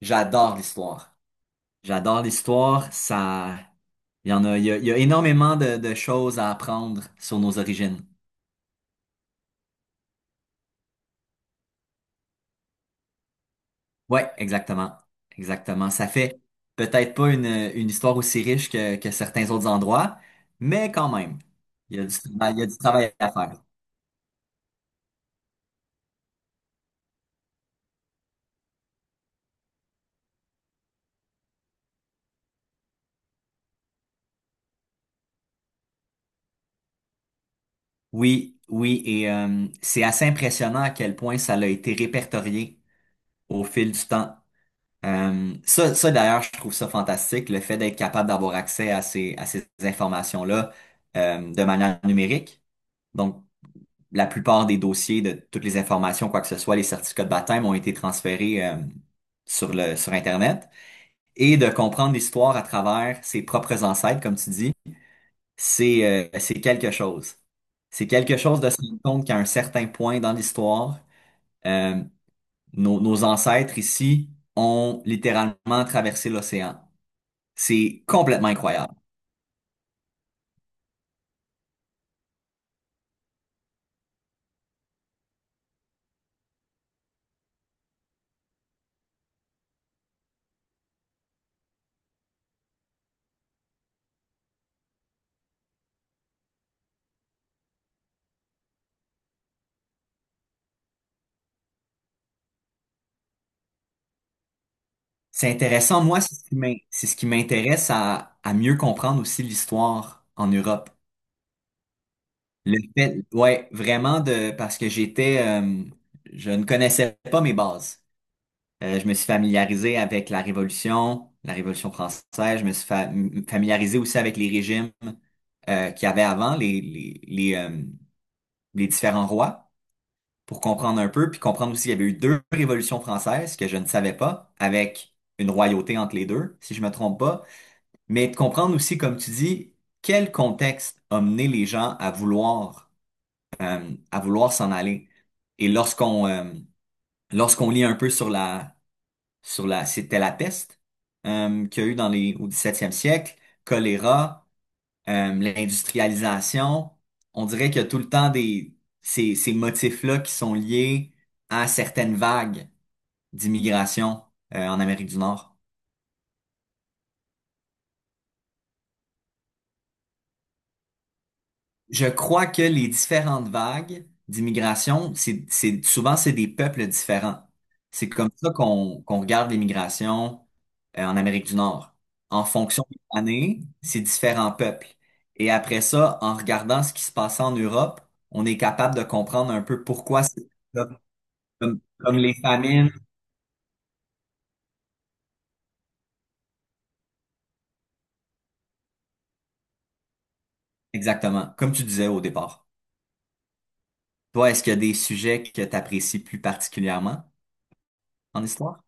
J'adore l'histoire. J'adore l'histoire. Ça, il y en a, il y a, il y a énormément de choses à apprendre sur nos origines. Ouais, exactement. Exactement. Ça fait peut-être pas une histoire aussi riche que certains autres endroits, mais quand même, il y a du travail à faire. Oui, oui, et c'est assez impressionnant à quel point ça a été répertorié au fil du temps. Ça d'ailleurs, je trouve ça fantastique, le fait d'être capable d'avoir accès à ces informations-là de manière numérique. Donc, la plupart des dossiers de toutes les informations, quoi que ce soit, les certificats de baptême ont été transférés sur Internet. Et de comprendre l'histoire à travers ses propres ancêtres, comme tu dis, c'est c'est quelque chose. C'est quelque chose de se rendre compte qu'à un certain point dans l'histoire, euh, nos ancêtres ici ont littéralement traversé l'océan. C'est complètement incroyable. C'est intéressant. Moi, c'est ce qui m'intéresse à mieux comprendre aussi l'histoire en Europe. Le fait, ouais, vraiment de, parce que j'étais, je ne connaissais pas mes bases. Je me suis familiarisé avec la Révolution française. Je me suis familiarisé aussi avec les régimes qu'il y avait avant, les différents rois, pour comprendre un peu, puis comprendre aussi qu'il y avait eu deux révolutions françaises que je ne savais pas, avec une royauté entre les deux, si je me trompe pas. Mais de comprendre aussi, comme tu dis, quel contexte a mené les gens à vouloir s'en aller. Et lorsqu'on lit un peu sur la, c'était la peste qu'il y a eu dans les, au 17e siècle, choléra, l'industrialisation. On dirait qu'il y a tout le temps ces motifs-là qui sont liés à certaines vagues d'immigration en Amérique du Nord. Je crois que les différentes vagues d'immigration, c'est, souvent, c'est des peuples différents. C'est comme ça qu'on regarde l'immigration en Amérique du Nord. En fonction des années, c'est différents peuples. Et après ça, en regardant ce qui se passe en Europe, on est capable de comprendre un peu pourquoi c'est comme, comme les famines. Exactement, comme tu disais au départ. Toi, est-ce qu'il y a des sujets que tu apprécies plus particulièrement en histoire?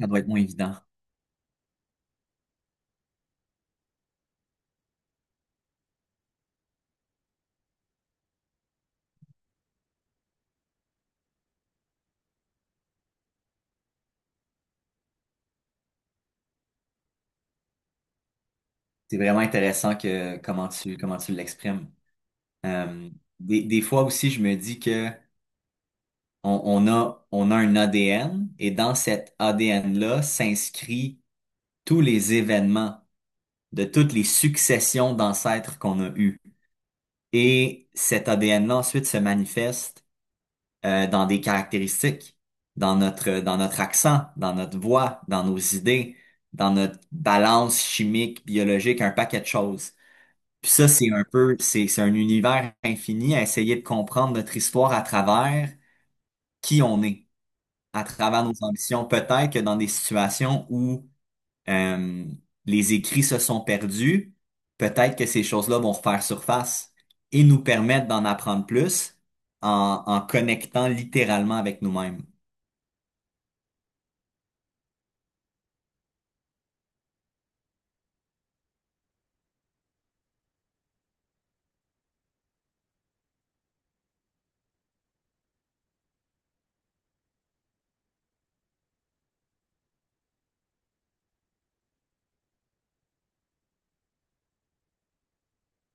Ça doit être moins évident. C'est vraiment intéressant que comment tu l'exprimes. Euh, des fois aussi, je me dis que on a un ADN et dans cet ADN-là s'inscrit tous les événements de toutes les successions d'ancêtres qu'on a eues. Et cet ADN-là ensuite se manifeste dans des caractéristiques, dans notre accent, dans notre voix, dans nos idées, dans notre balance chimique, biologique, un paquet de choses. Puis ça, c'est un peu, c'est un univers infini à essayer de comprendre notre histoire à travers qui on est, à travers nos ambitions. Peut-être que dans des situations où euh, les écrits se sont perdus, peut-être que ces choses-là vont refaire surface et nous permettre d'en apprendre plus en connectant littéralement avec nous-mêmes.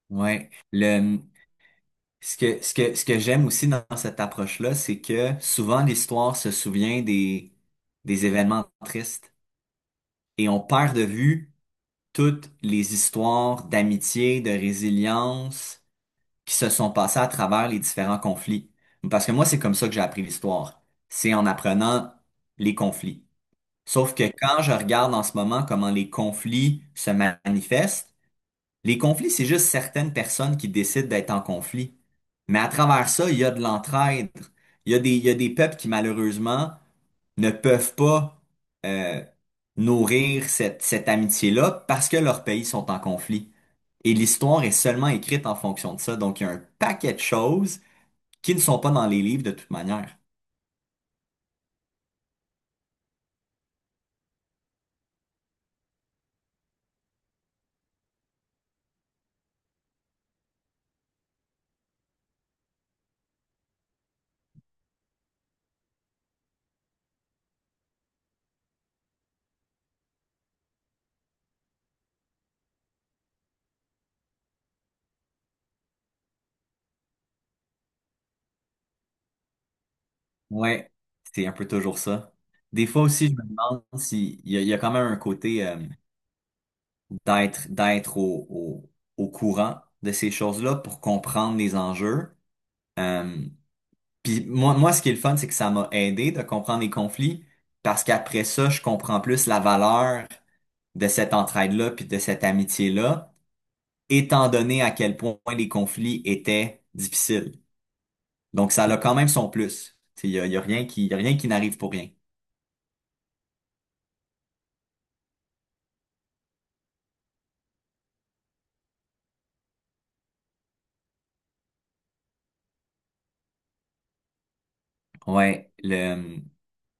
Ouais. Le, ce que, ce que, ce que j'aime aussi dans cette approche-là, c'est que souvent l'histoire se souvient des événements tristes et on perd de vue toutes les histoires d'amitié, de résilience qui se sont passées à travers les différents conflits. Parce que moi, c'est comme ça que j'ai appris l'histoire. C'est en apprenant les conflits. Sauf que quand je regarde en ce moment comment les conflits se manifestent, les conflits, c'est juste certaines personnes qui décident d'être en conflit. Mais à travers ça, il y a de l'entraide. Il y a des peuples qui, malheureusement, ne peuvent pas euh, nourrir cette amitié-là parce que leurs pays sont en conflit. Et l'histoire est seulement écrite en fonction de ça. Donc, il y a un paquet de choses qui ne sont pas dans les livres de toute manière. Ouais, c'est un peu toujours ça. Des fois aussi, je me demande s'il y a, il y a quand même un côté d'être au, au, au courant de ces choses-là pour comprendre les enjeux. Euh, Puis moi, ce qui est le fun, c'est que ça m'a aidé de comprendre les conflits parce qu'après ça, je comprends plus la valeur de cette entraide-là puis de cette amitié-là, étant donné à quel point les conflits étaient difficiles. Donc, ça a quand même son plus. Tu sais, il y a rien qui, il y a rien qui n'arrive pour rien. Ouais,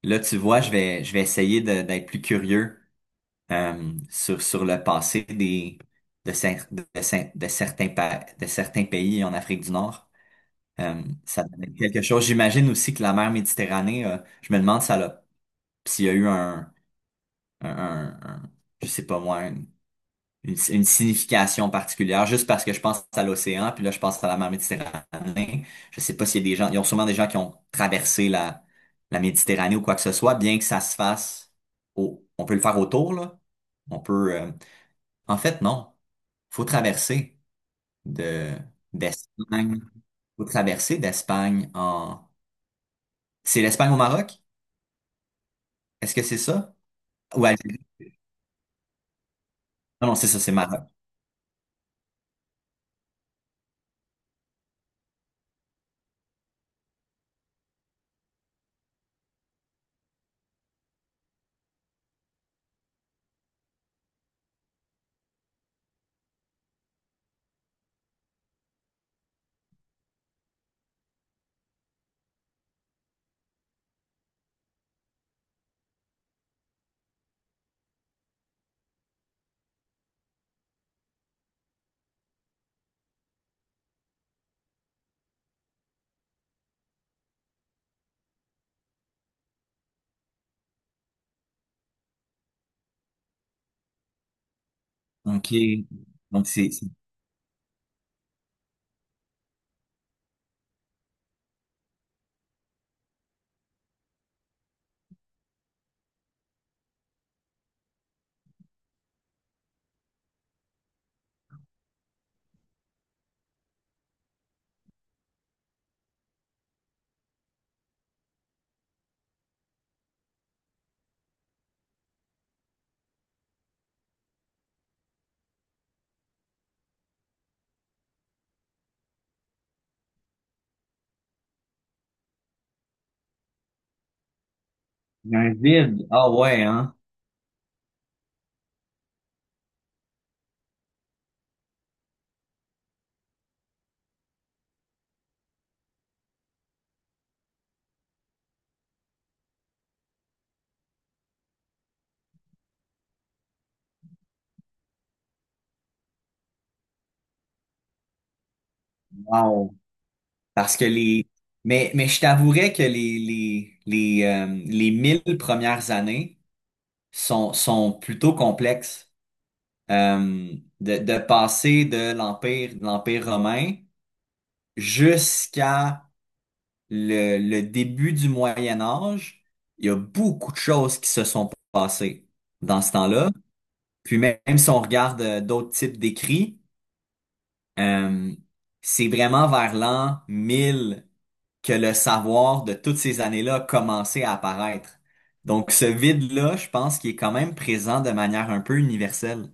là, tu vois, je vais essayer d'être plus curieux sur le passé des, de, cer- de, cer- de certains pays en Afrique du Nord. Ça donnait quelque chose. J'imagine aussi que la mer Méditerranée, je me demande s'il y a eu un, un- un- je sais pas moi, une signification particulière, juste parce que je pense à l'océan, puis là je pense à la mer Méditerranée. Je sais pas s'il y a des gens, ils ont sûrement des gens qui ont traversé la Méditerranée ou quoi que ce soit, bien que ça se fasse on peut le faire autour, là. On peut, en fait, non. Faut traverser de, d'Espagne. Faut traverser d'Espagne en. C'est l'Espagne au Maroc? Est-ce que c'est ça? Ou Algérie? Non, non, c'est ça, c'est Maroc. OK. Donc, il y a un vide. Ah ouais, hein? Wow. Parce que les... mais je t'avouerais que les 1000 premières années sont, sont plutôt complexes. Euh, de passer de l'Empire romain jusqu'à le début du Moyen Âge, il y a beaucoup de choses qui se sont passées dans ce temps-là. Puis même si on regarde d'autres types d'écrits, euh, c'est vraiment vers l'an 1000 que le savoir de toutes ces années-là a commencé à apparaître. Donc ce vide-là, je pense qu'il est quand même présent de manière un peu universelle.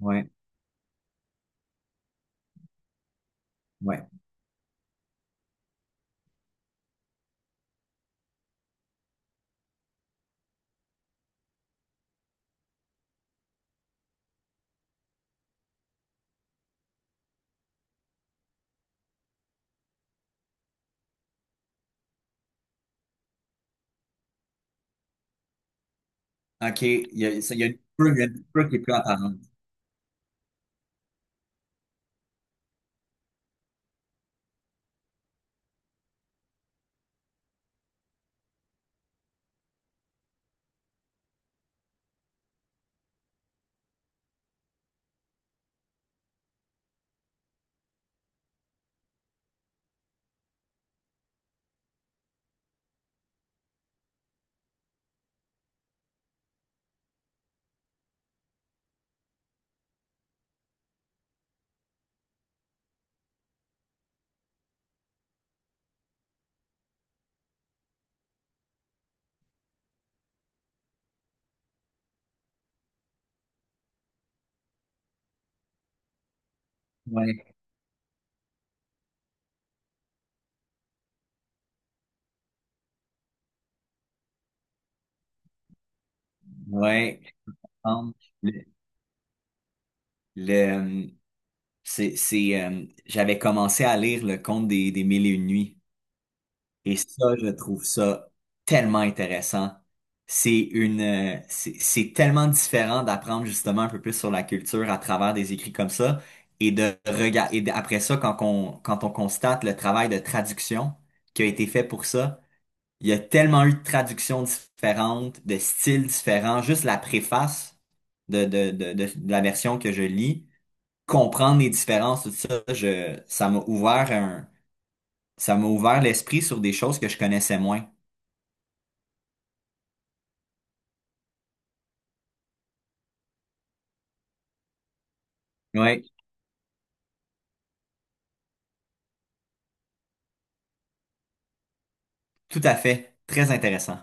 Ouais, ouais. OK, il y a une peur, il y a une peur qui est plus apparente. Ouais, ouais, je pense. Le, le, euh, J'avais commencé à lire Le Conte des Mille et Une Nuits. Et ça, je trouve ça tellement intéressant. C'est une, c'est tellement différent d'apprendre justement un peu plus sur la culture à travers des écrits comme ça et de regarder. Et après ça, quand on constate le travail de traduction qui a été fait pour ça, il y a tellement eu de traductions différentes, de styles différents. Juste la préface de la version que je lis, comprendre les différences, tout ça, ça m'a ouvert l'esprit sur des choses que je connaissais moins. Oui, tout à fait. Très intéressant.